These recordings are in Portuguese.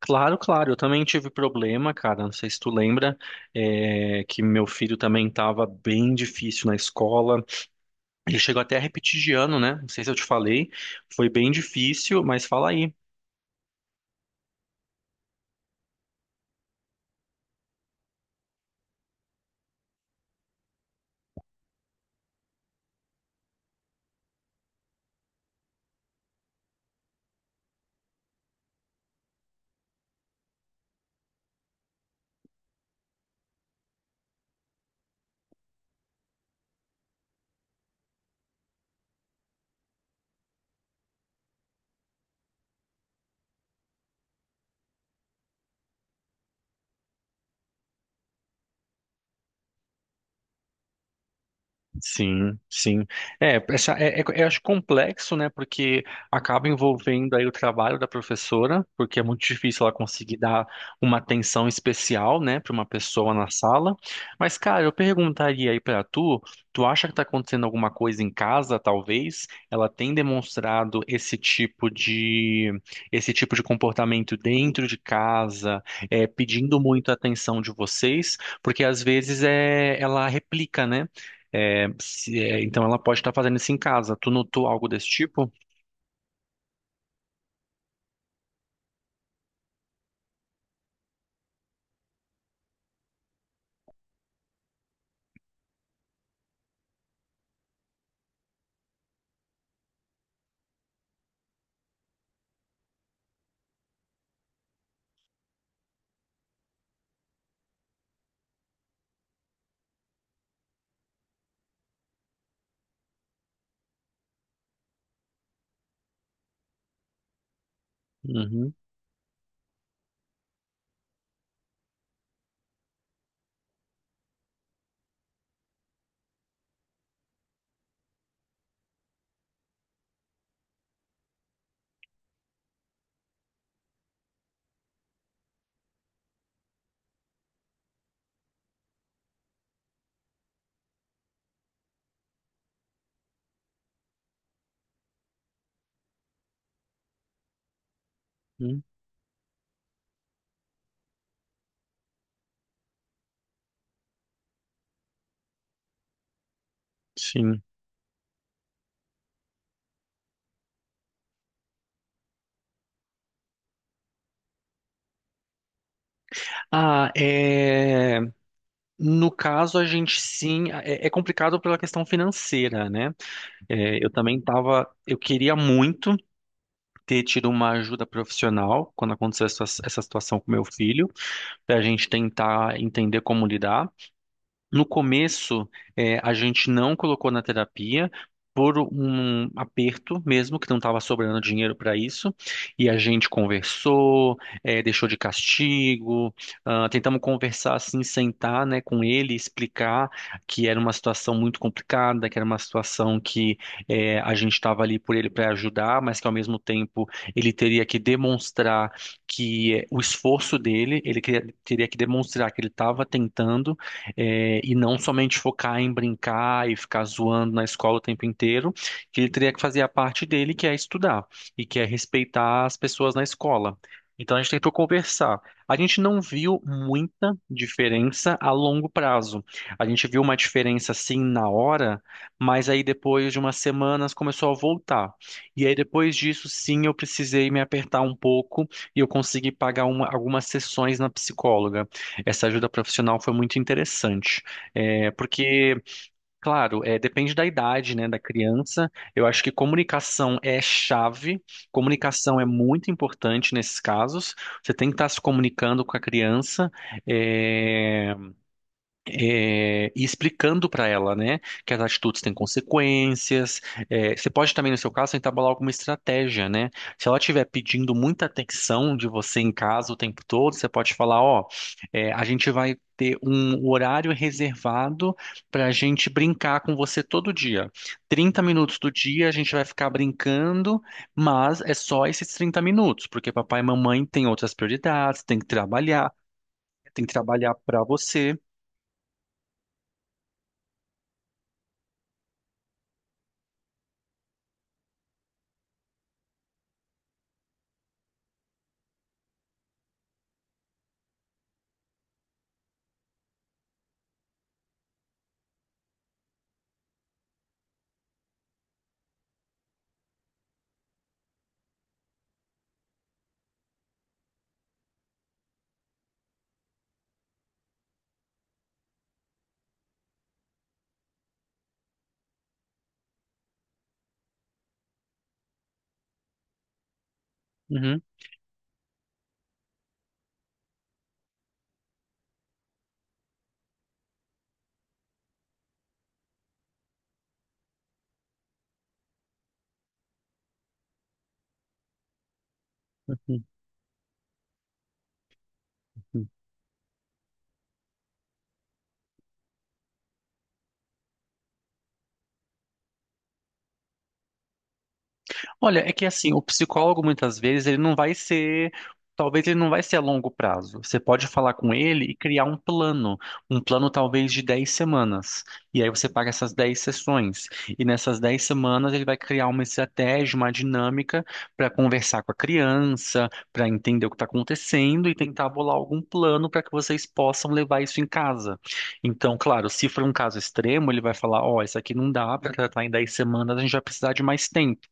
Claro, claro. Eu também tive problema, cara. Não sei se tu lembra, que meu filho também estava bem difícil na escola. Ele chegou até a repetir de ano, né? Não sei se eu te falei. Foi bem difícil, mas fala aí. Sim, sim. Eu acho complexo, né? Porque acaba envolvendo aí o trabalho da professora, porque é muito difícil ela conseguir dar uma atenção especial, né, para uma pessoa na sala. Mas, cara, eu perguntaria aí para tu, tu acha que tá acontecendo alguma coisa em casa, talvez? Ela tem demonstrado esse tipo de comportamento dentro de casa, pedindo muito a atenção de vocês, porque às vezes é, ela replica, né? Então ela pode estar fazendo isso em casa. Tu notou algo desse tipo? Uhum, uhum. Sim. Ah, é, no caso, a gente sim. É, é complicado pela questão financeira, né? É, eu também estava. Eu queria muito ter tido uma ajuda profissional quando aconteceu essa situação com meu filho, para a gente tentar entender como lidar. No começo, a gente não colocou na terapia por um aperto mesmo, que não estava sobrando dinheiro para isso, e a gente conversou, deixou de castigo, ah, tentamos conversar assim, sentar, né, com ele, explicar que era uma situação muito complicada, que era uma situação que a gente estava ali por ele para ajudar, mas que ao mesmo tempo ele teria que demonstrar que o esforço dele, teria que demonstrar que ele estava tentando e não somente focar em brincar e ficar zoando na escola o tempo inteiro, que ele teria que fazer a parte dele, que é estudar e que é respeitar as pessoas na escola. Então a gente tentou conversar. A gente não viu muita diferença a longo prazo. A gente viu uma diferença sim na hora, mas aí depois de umas semanas começou a voltar. E aí depois disso, sim, eu precisei me apertar um pouco e eu consegui algumas sessões na psicóloga. Essa ajuda profissional foi muito interessante. É, porque, claro, é, depende da idade, né, da criança. Eu acho que comunicação é chave, comunicação é muito importante nesses casos. Você tem que estar se comunicando com a criança. é, e explicando para ela, né, que as atitudes têm consequências. Você pode também, no seu caso, tentar bolar alguma estratégia, né? Se ela estiver pedindo muita atenção de você em casa o tempo todo, você pode falar, ó, a gente vai ter um horário reservado para a gente brincar com você todo dia. 30 minutos do dia a gente vai ficar brincando, mas é só esses 30 minutos, porque papai e mamãe têm outras prioridades, tem que trabalhar para você. Uhum. Olha, é que assim, o psicólogo muitas vezes ele não vai ser, talvez ele não vai ser a longo prazo. Você pode falar com ele e criar um plano talvez de 10 semanas. E aí você paga essas 10 sessões. E nessas 10 semanas ele vai criar uma estratégia, uma dinâmica para conversar com a criança, para entender o que está acontecendo e tentar bolar algum plano para que vocês possam levar isso em casa. Então, claro, se for um caso extremo, ele vai falar, ó, isso aqui não dá para tratar em 10 semanas, a gente vai precisar de mais tempo.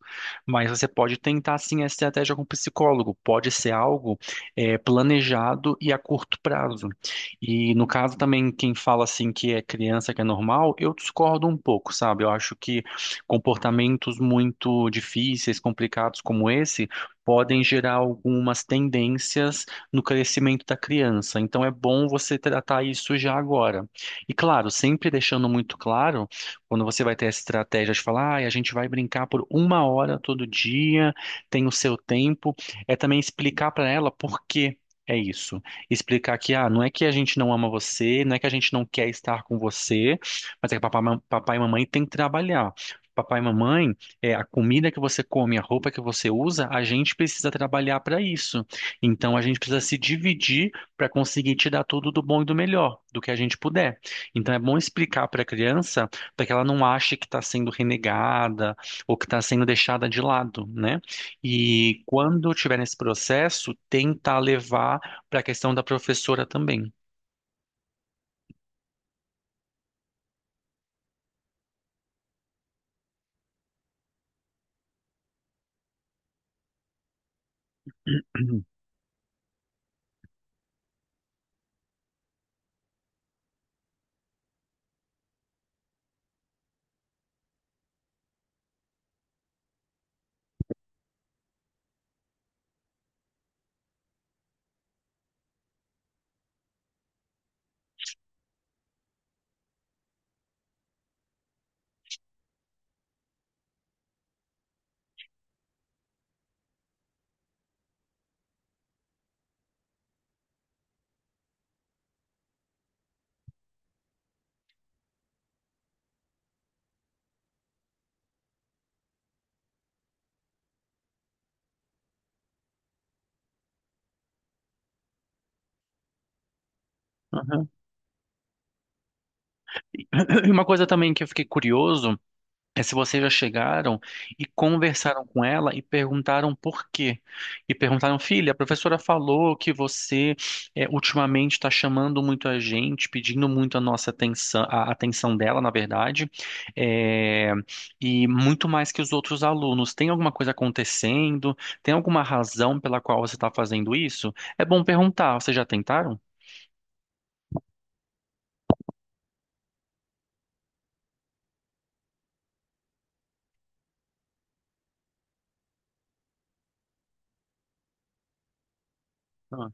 Mas você pode tentar sim a estratégia com o psicólogo. Pode ser algo planejado e a curto prazo. E no caso também, quem fala assim que é criança, que é normal, eu discordo um pouco, sabe? Eu acho que comportamentos muito difíceis, complicados como esse, podem gerar algumas tendências no crescimento da criança. Então é bom você tratar isso já agora. E claro, sempre deixando muito claro quando você vai ter essa estratégia de falar, "Ai, a gente vai brincar por uma hora todo dia, tem o seu tempo, é também explicar para ela por quê. É isso. Explicar que, ah, não é que a gente não ama você, não é que a gente não quer estar com você, mas é que papai e mamãe têm que trabalhar. Papai e mamãe, é, a comida que você come, a roupa que você usa, a gente precisa trabalhar para isso. Então a gente precisa se dividir para conseguir te dar tudo do bom e do melhor, do que a gente puder. Então é bom explicar para a criança para que ela não ache que está sendo renegada ou que está sendo deixada de lado, né? E quando tiver nesse processo, tentar levar para a questão da professora também. Uhum. E uma coisa também que eu fiquei curioso é se vocês já chegaram e conversaram com ela e perguntaram por quê. E perguntaram, filha, a professora falou que você ultimamente está chamando muito a gente, pedindo muito a nossa atenção, a atenção dela, na verdade, é, e muito mais que os outros alunos. Tem alguma coisa acontecendo? Tem alguma razão pela qual você está fazendo isso? É bom perguntar. Vocês já tentaram? Ah,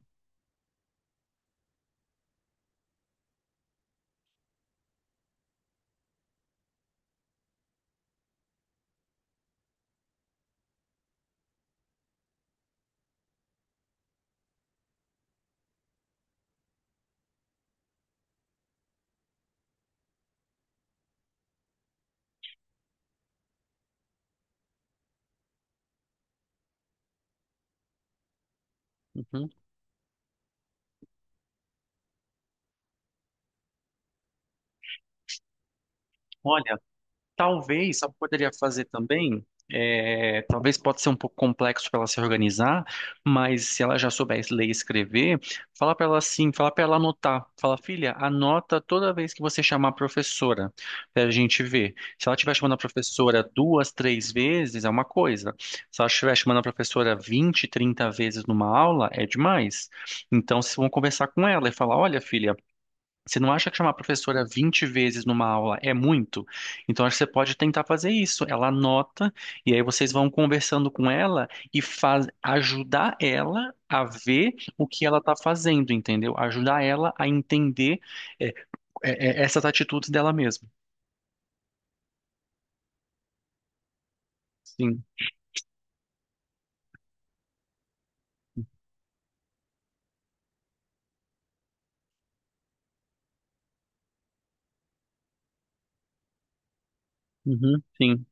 uhum. Olha. Talvez, sabe o que poderia fazer também? É, talvez pode ser um pouco complexo para ela se organizar, mas se ela já souber ler e escrever, fala para ela assim, fala para ela anotar. Fala, filha, anota toda vez que você chamar a professora, para a gente ver. Se ela estiver chamando a professora duas, três vezes, é uma coisa. Se ela estiver chamando a professora 20 30 vezes numa aula, é demais. Então, se vão conversar com ela e falar, olha, filha, você não acha que chamar a professora 20 vezes numa aula é muito? Então, acho que você pode tentar fazer isso. Ela anota, e aí vocês vão conversando com ela e faz, ajudar ela a ver o que ela está fazendo, entendeu? Ajudar ela a entender é, essas atitudes dela mesma. Sim. Uhum. Sim.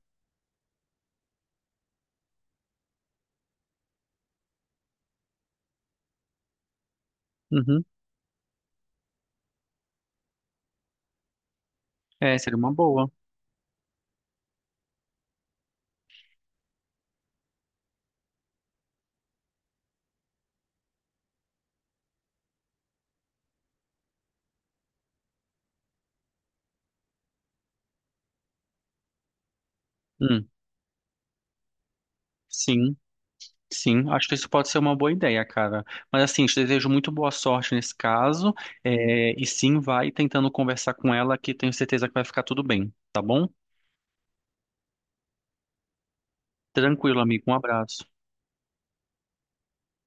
Uhum. É, seria uma boa. Hum. Sim. Sim, acho que isso pode ser uma boa ideia, cara. Mas assim, te desejo muito boa sorte nesse caso. É, e sim, vai tentando conversar com ela, que tenho certeza que vai ficar tudo bem, tá bom? Tranquilo, amigo. Um abraço.